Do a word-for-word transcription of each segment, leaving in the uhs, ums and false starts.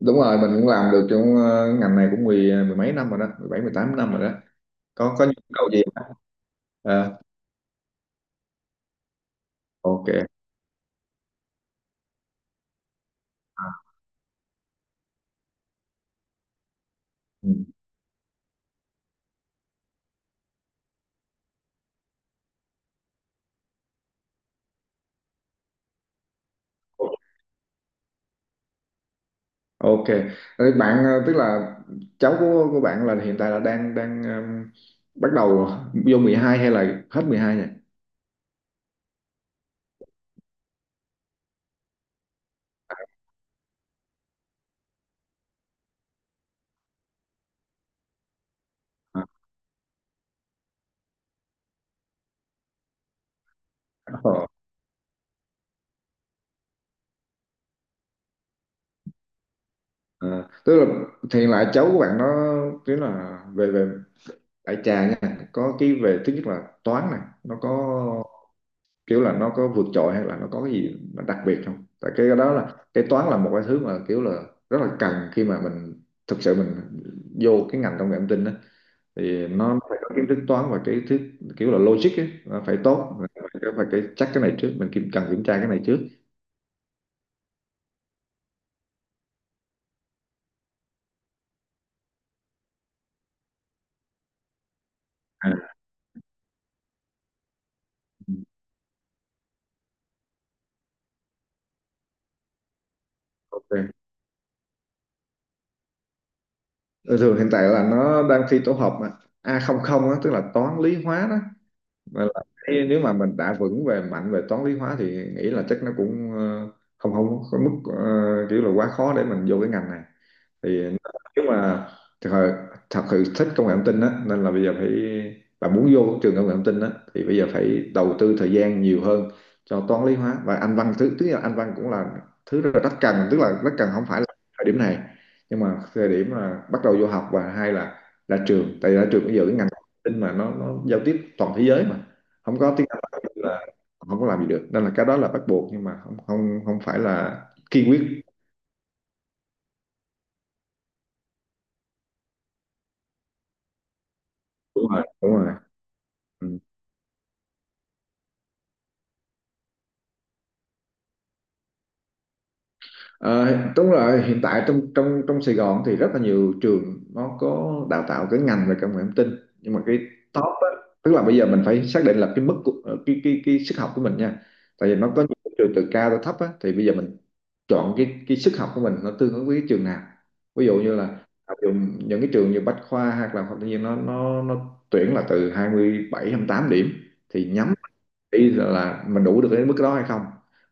Đúng rồi, mình cũng làm được trong ờ, ngành này cũng mười ờ, mười mấy năm rồi đó, mười bảy mười tám năm rồi đó. có có nhu cầu gì không? Ờ, ok. À, ừ. Ok. Thế bạn ờ, tức là cháu của của bạn là hiện tại là đang đang ừm, bắt đầu vô mười hai hay là hết mười hai nhỉ? À, ờ, ờ. Tức là thì hiện lại cháu của bạn nó tức là về về đại trà nha, có cái về thứ nhất là toán này, nó có kiểu là nó có vượt trội hay là nó có cái gì mà đặc biệt không? Tại cái đó là cái toán là một cái thứ mà kiểu là rất là cần khi mà mình thực sự mình vô cái ngành công nghệ thông tin đó, thì nó phải có kiến thức toán và cái thứ kiểu là logic ấy, nó phải tốt, phải, phải cái chắc cái này trước, mình kiểm cần kiểm tra cái này trước. À, ok. Ừ, thường hiện tại là nó đang thi tổ hợp mà, a không không á, tức là toán lý hóa đó. Nên là thấy nếu mà mình đã vững về mạnh về toán lý hóa thì nghĩ là chắc nó cũng ờ, không không có mức ờ, kiểu là quá khó để mình vô cái ngành này. Thì nếu mà thật sự, thật sự thích công nghệ thông tin á, nên là bây giờ phải, bạn muốn vô trường công nghệ thông tin á thì bây giờ phải đầu tư thời gian nhiều hơn cho toán lý hóa và anh văn, thứ tức là anh văn cũng là thứ rất là rất cần, tức là rất cần không phải là thời điểm này nhưng mà thời điểm là bắt đầu vô học và hai là ra trường, tại ra trường bây giờ cái ngành thông tin mà nó nó giao tiếp toàn thế giới mà, không có tiếng Anh là không có làm gì được, nên là cái đó là bắt buộc nhưng mà không không không phải là kiên quyết. Đúng rồi, đúng rồi. Ừ. Ờ, đúng rồi, hiện tại trong trong trong Sài Gòn thì rất là nhiều trường nó có đào tạo cái ngành về công nghệ thông tin, nhưng mà cái top á, tức là bây giờ mình phải xác định là cái mức của, ờ, cái cái cái sức học của mình nha, tại vì nó có những cái trường từ cao tới thấp á, thì bây giờ mình chọn cái cái sức học của mình nó tương ứng với cái trường nào. Ví dụ như là học những cái trường như Bách Khoa hoặc là học tự nhiên, nó nó nó tuyển là từ hai mươi bảy hai mươi tám điểm, thì nhắm ý là, mình đủ được đến mức đó hay không.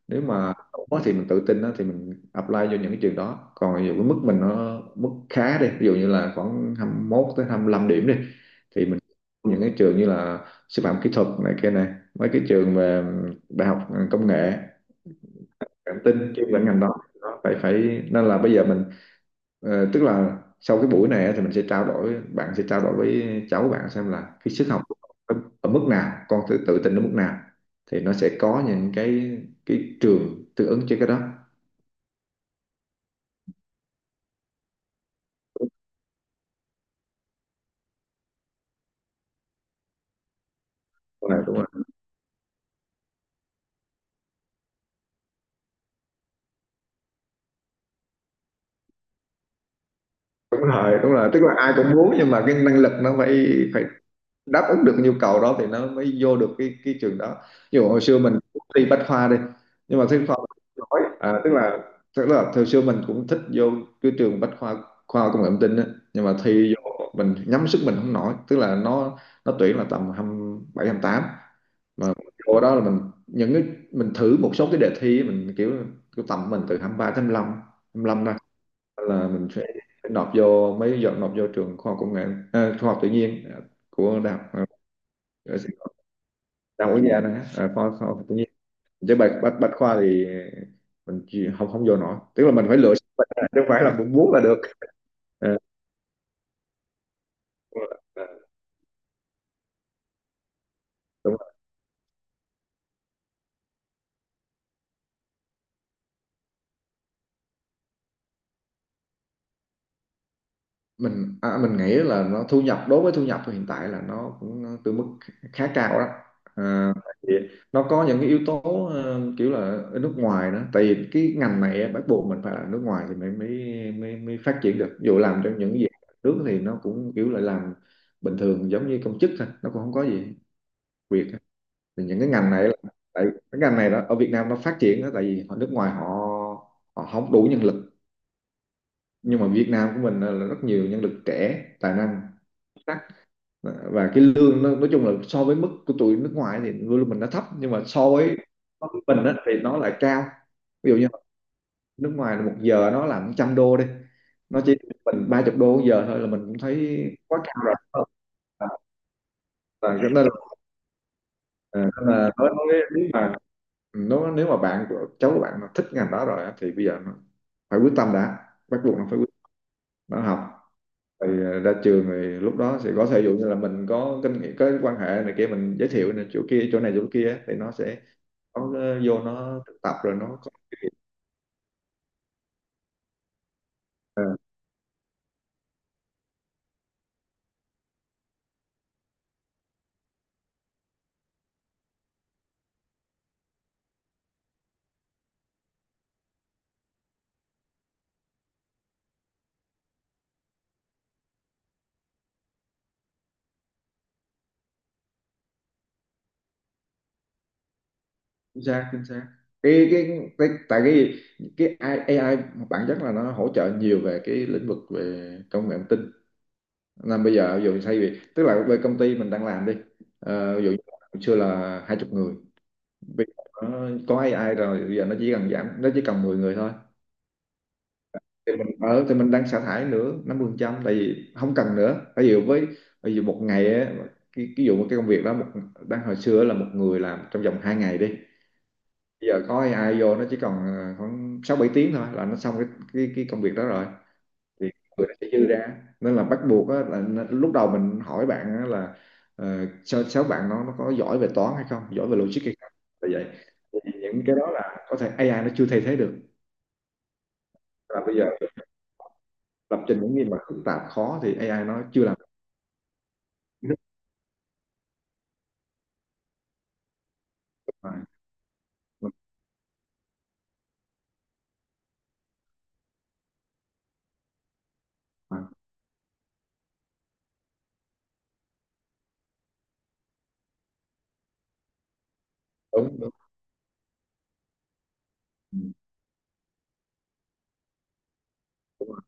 Nếu mà đủ thì mình tự tin đó, thì mình apply vô những cái trường đó, còn ví dụ cái mức mình nó mức khá đi, ví dụ như là khoảng hai mốt tới hai lăm điểm đi, thì mình những cái trường như là sư phạm kỹ thuật này kia này, mấy cái trường về đại học công nghệ cảm tin chuyên về ngành đó. Đó, phải phải, nên là bây giờ mình ờ, tức là sau cái buổi này á, thì mình sẽ trao đổi, bạn sẽ trao đổi với cháu bạn xem là cái sức học của con ở, ở mức nào, con tự, tự tin ở mức nào, thì nó sẽ có những cái cái trường tương ứng cho cái đó. Đúng rồi, đúng rồi. Đúng rồi, đúng rồi, tức là ai cũng muốn nhưng mà cái năng lực nó phải, phải đáp ứng được cái nhu cầu đó thì nó mới vô được cái cái trường đó. Ví dụ hồi xưa mình thi bách khoa đi, nhưng mà thi khoa, nói à, tức là tức là hồi xưa mình cũng thích vô cái trường bách khoa, khoa công nghệ thông tin á, nhưng mà thi vô mình nhắm sức mình không nổi, tức là nó nó tuyển là tầm hai mươi bảy tám, mà vô đó là mình những cái, mình thử một số cái đề thi á, mình kiểu kiểu tầm mình từ hai ba tới hai mươi lăm, hai mươi lăm ra là mình phải nộp vô, mấy giờ nộp vô trường khoa học công nghệ, à, khoa học tự nhiên à, của đại học ở Sài Gòn, đa quốc gia đó, à, khoa, khoa học tự nhiên, chứ bách bách bách khoa thì mình chỉ, không không vô nổi, tức là mình phải lựa bách ra, chứ không phải là mình muốn là được. Ờ, ờ, đúng rồi. Mình à, mình nghĩ là nó thu nhập, đối với thu nhập hiện tại là nó cũng từ mức khá cao đó. À, tại vì nó có những cái yếu tố ờ, kiểu là ở nước ngoài đó, tại vì cái ngành này á, bắt buộc mình phải là nước ngoài thì mới mới, mới, mới phát triển được. Ví dụ làm trong những gì nước thì nó cũng kiểu là làm bình thường giống như công chức thôi, nó cũng không có gì Việt á. Thì những cái ngành này là, tại cái ngành này đó ở Việt Nam nó phát triển đó, tại vì ở nước ngoài họ họ không đủ nhân lực, nhưng mà Việt Nam của mình là rất nhiều nhân lực trẻ tài năng sắc, và cái lương nó, nói chung là so với mức của tụi nước ngoài thì lương mình nó thấp, nhưng mà so với so với mình á, thì nó lại cao. Ví dụ như nước ngoài là một giờ nó là một trăm đô đi, nó chỉ, mình ba chục đô một giờ thôi là mình cũng thấy quá cao rồi. Ờ, và cho nên là, à, cho nên là nói nói nếu mà nó nếu mà bạn của cháu của bạn nó thích ngành đó rồi á, thì bây giờ nó phải quyết tâm, đã bắt buộc nó phải quyết, nó học thì ờ, ra trường thì lúc đó sẽ có thể dụ như là mình có kinh nghiệm, có quan hệ này kia, mình giới thiệu này chỗ kia chỗ này chỗ kia á, thì nó sẽ có ờ, vô nó thực tập rồi nó có kinh nghiệm. Chính xác, chính xác. Cái cái, cái tại cái cái a i, a i bản chất là nó hỗ trợ nhiều về cái lĩnh vực về công nghệ thông tin, nên bây giờ ví dụ như thay vì tức là về công ty mình đang làm đi, ờ, ví dụ như là hồi xưa là hai chục người. Bây giờ có có a i rồi, bây giờ nó chỉ cần giảm, nó chỉ cần mười người thôi, thì mình ở thì mình đang sa thải nữa năm mươi phần trăm, tại vì không cần nữa. Ví dụ với ví dụ một ngày á, cái ví dụ một cái công việc đó một, đang hồi xưa là một người làm trong vòng hai ngày đi, bây giờ có a i vô nó chỉ còn ờ, khoảng sáu bảy tiếng thôi là nó xong cái cái, cái công việc đó rồi. Thì người nó sẽ dư ra, nên là bắt buộc á, là n- lúc đầu mình hỏi bạn á, là ờ, sao sao bạn nó nó có giỏi về toán hay không, giỏi về logic hay không, là vậy, thì những cái đó là có thể a i nó chưa thay thế được. Là bây giờ lập trình những gì mà phức tạp khó thì a i nó chưa làm được. À, đúng, à, đúng đúng. Ừ, đúng rồi,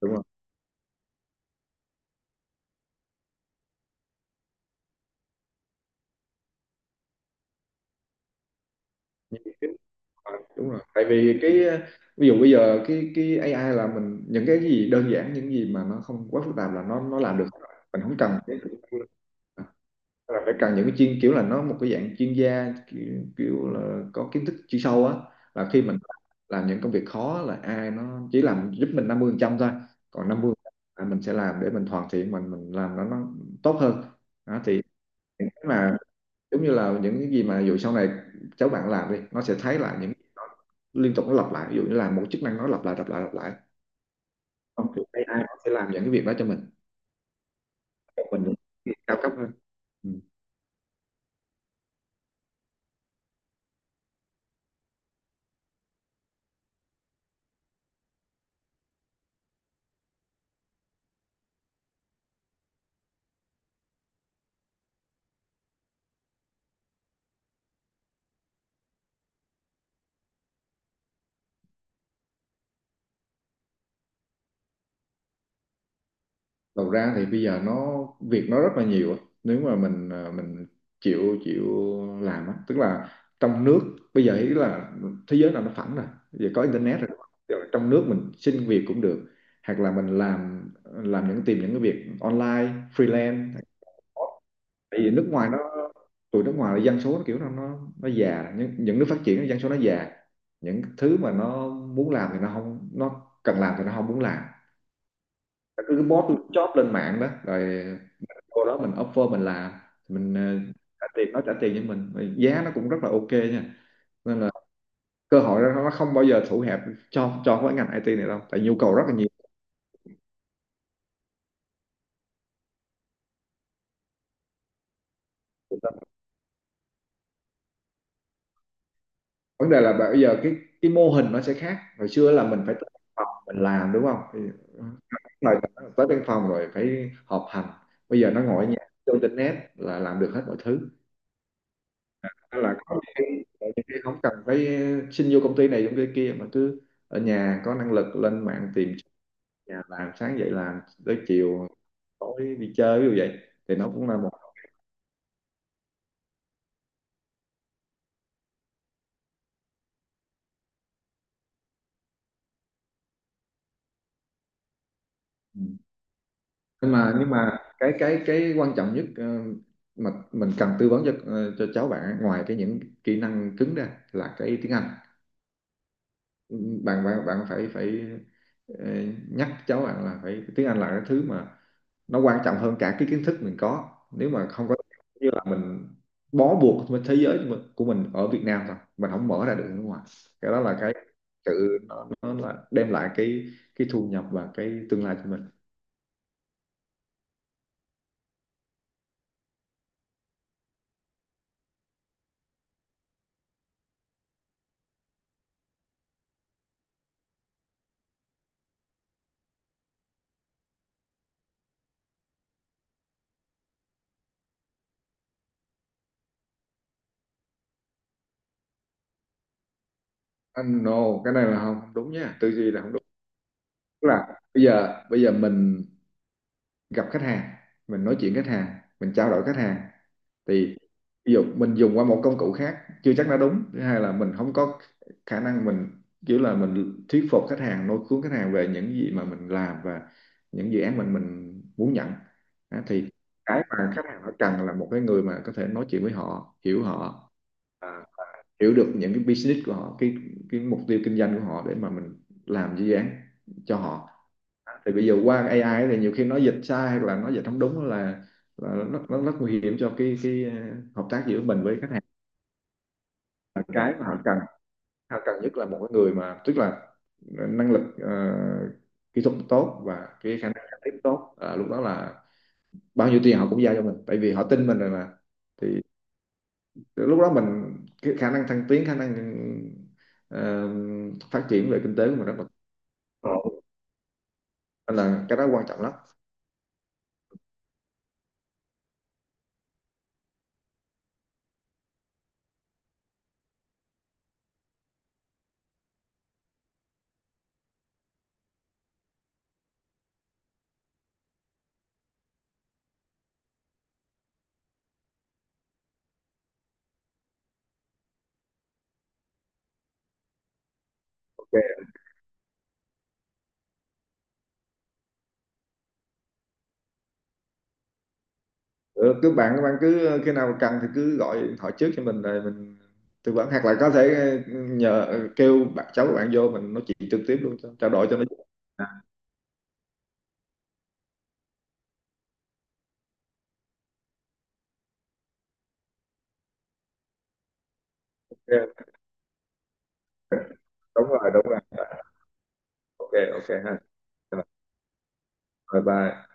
đúng rồi. Như cái- à, đúng rồi, tại vì cái ờ, ví dụ bây giờ cái cái a i là mình những cái gì đơn giản, những gì mà nó không quá phức tạp là nó nó làm được rồi. Mình không cần cái, là phải cần những cái chuyên kiểu là nó một cái dạng chuyên gia kiểu, kiểu là có kiến thức chuyên sâu á, là khi mình làm những công việc khó là ai nó chỉ làm giúp mình năm mươi phần trăm thôi, còn năm mươi là mình sẽ làm để mình hoàn thiện, mình mình làm nó nó tốt hơn. Đó, thì những cái mà giống như là những cái gì mà dù sau này cháu bạn làm đi, nó sẽ thấy lại những, liên tục nó lặp lại, ví dụ như là một chức năng nó lặp lại lặp lại lặp lại, không thì a i nó sẽ làm những cái việc đó cho mình. Còn mình những cái việc cao cấp hơn. Ừ. Đầu ra thì bây giờ nó việc nó rất là nhiều á. Nếu mà mình à, mình chịu chịu làm á, tức là trong nước, bây giờ ý là thế giới là nó phẳng rồi, giờ có internet rồi. Giờ trong nước mình xin việc cũng được, hoặc là mình làm làm những tìm những cái việc online freelance. Tại vì nước ngoài nó, tụi nước ngoài là dân số nó kiểu nó nó nó già, những, những nước phát triển dân số nó già, những thứ mà nó muốn làm thì nó không, nó cần làm thì nó không muốn làm, cứ post job lên mạng đó rồi mình vô đó mình offer mình làm. Mình ờ, trả tiền, nó trả tiền cho mình. Rồi giá nó cũng rất là ok nha. Nên là cơ hội đó nó không bao giờ thủ hẹp cho cho cái ngành i tê này đâu, tại nhu cầu rất là nhiều. Vấn đề là bây giờ cái cái mô hình nó sẽ khác, hồi xưa là mình phải tới văn phòng mình làm đúng không, thì rồi tới văn phòng rồi phải họp hành, bây giờ nó ngồi ở nhà vô internet là làm được hết mọi thứ. Hay là có khi, có khi không cần phải xin vô công ty này công ty kia, mà cứ ở nhà có năng lực lên mạng tìm chỗ nhà làm, sáng dậy làm tới chiều tối đi chơi như vậy, thì nó cũng là một. Ừ. nhưng mà nhưng mà cái cái cái quan trọng nhất, ờ, mà mình cần tư vấn cho, ờ, cho cháu bạn, ngoài cái những kỹ năng cứng ra là cái tiếng Anh. Bạn bạn bạn phải phải ờ, nhắc cháu bạn là phải, tiếng Anh là cái thứ mà nó quan trọng hơn cả cái kiến thức mình có. Nếu mà không có, như là mình bó buộc với thế giới của mình, của mình ở Việt Nam thôi, mình không mở ra được nước ngoài. Cái đó là cái sự, nó, nó là đem lại cái cái thu nhập và cái tương lai cho mình. Anh no, cái này là không, không đúng nha, tư duy là không đúng. Tức là bây giờ bây giờ mình gặp khách hàng, mình nói chuyện khách hàng, mình trao đổi khách hàng, thì ví dụ mình dùng qua một công cụ khác chưa chắc đã đúng. Thứ hai là mình không có khả năng mình kiểu là mình thuyết phục khách hàng, lôi cuốn khách hàng về những gì mà mình làm và những dự án mình mình muốn nhận. Đó, thì cái mà khách hàng họ cần là một cái người mà có thể nói chuyện với họ, hiểu họ, à, hiểu được những cái business của họ, cái cái mục tiêu kinh doanh của họ, để mà mình làm dự án cho họ. Thì bây giờ qua a i thì nhiều khi nó dịch sai hoặc là nó dịch không đúng, là là nó, nó rất nguy hiểm cho cái cái ờ, hợp tác giữa mình với khách hàng. Và cái mà họ cần, họ cần nhất là một cái người mà, tức là năng lực ờ, kỹ thuật tốt và cái khả năng giao tiếp tốt, à, lúc đó là bao nhiêu tiền họ cũng giao cho mình, tại vì họ tin mình rồi mà. Thì lúc đó mình cái khả năng thăng tiến, khả năng ờ, phát triển về kinh tế của mình rất là. Ờ, nên là cái đó quan trọng lắm. Ok. Ừ, cứ bạn các bạn cứ khi nào cần thì cứ gọi điện thoại trước cho mình, rồi mình tư vấn, hoặc là có thể ờ, nhờ, ờ, kêu bạn, cháu của bạn vô mình nói chuyện trực tiếp luôn, cho trao đổi cho nó, à, ok, đúng rồi, đúng rồi, ok, ok ha. Rồi, bye bye.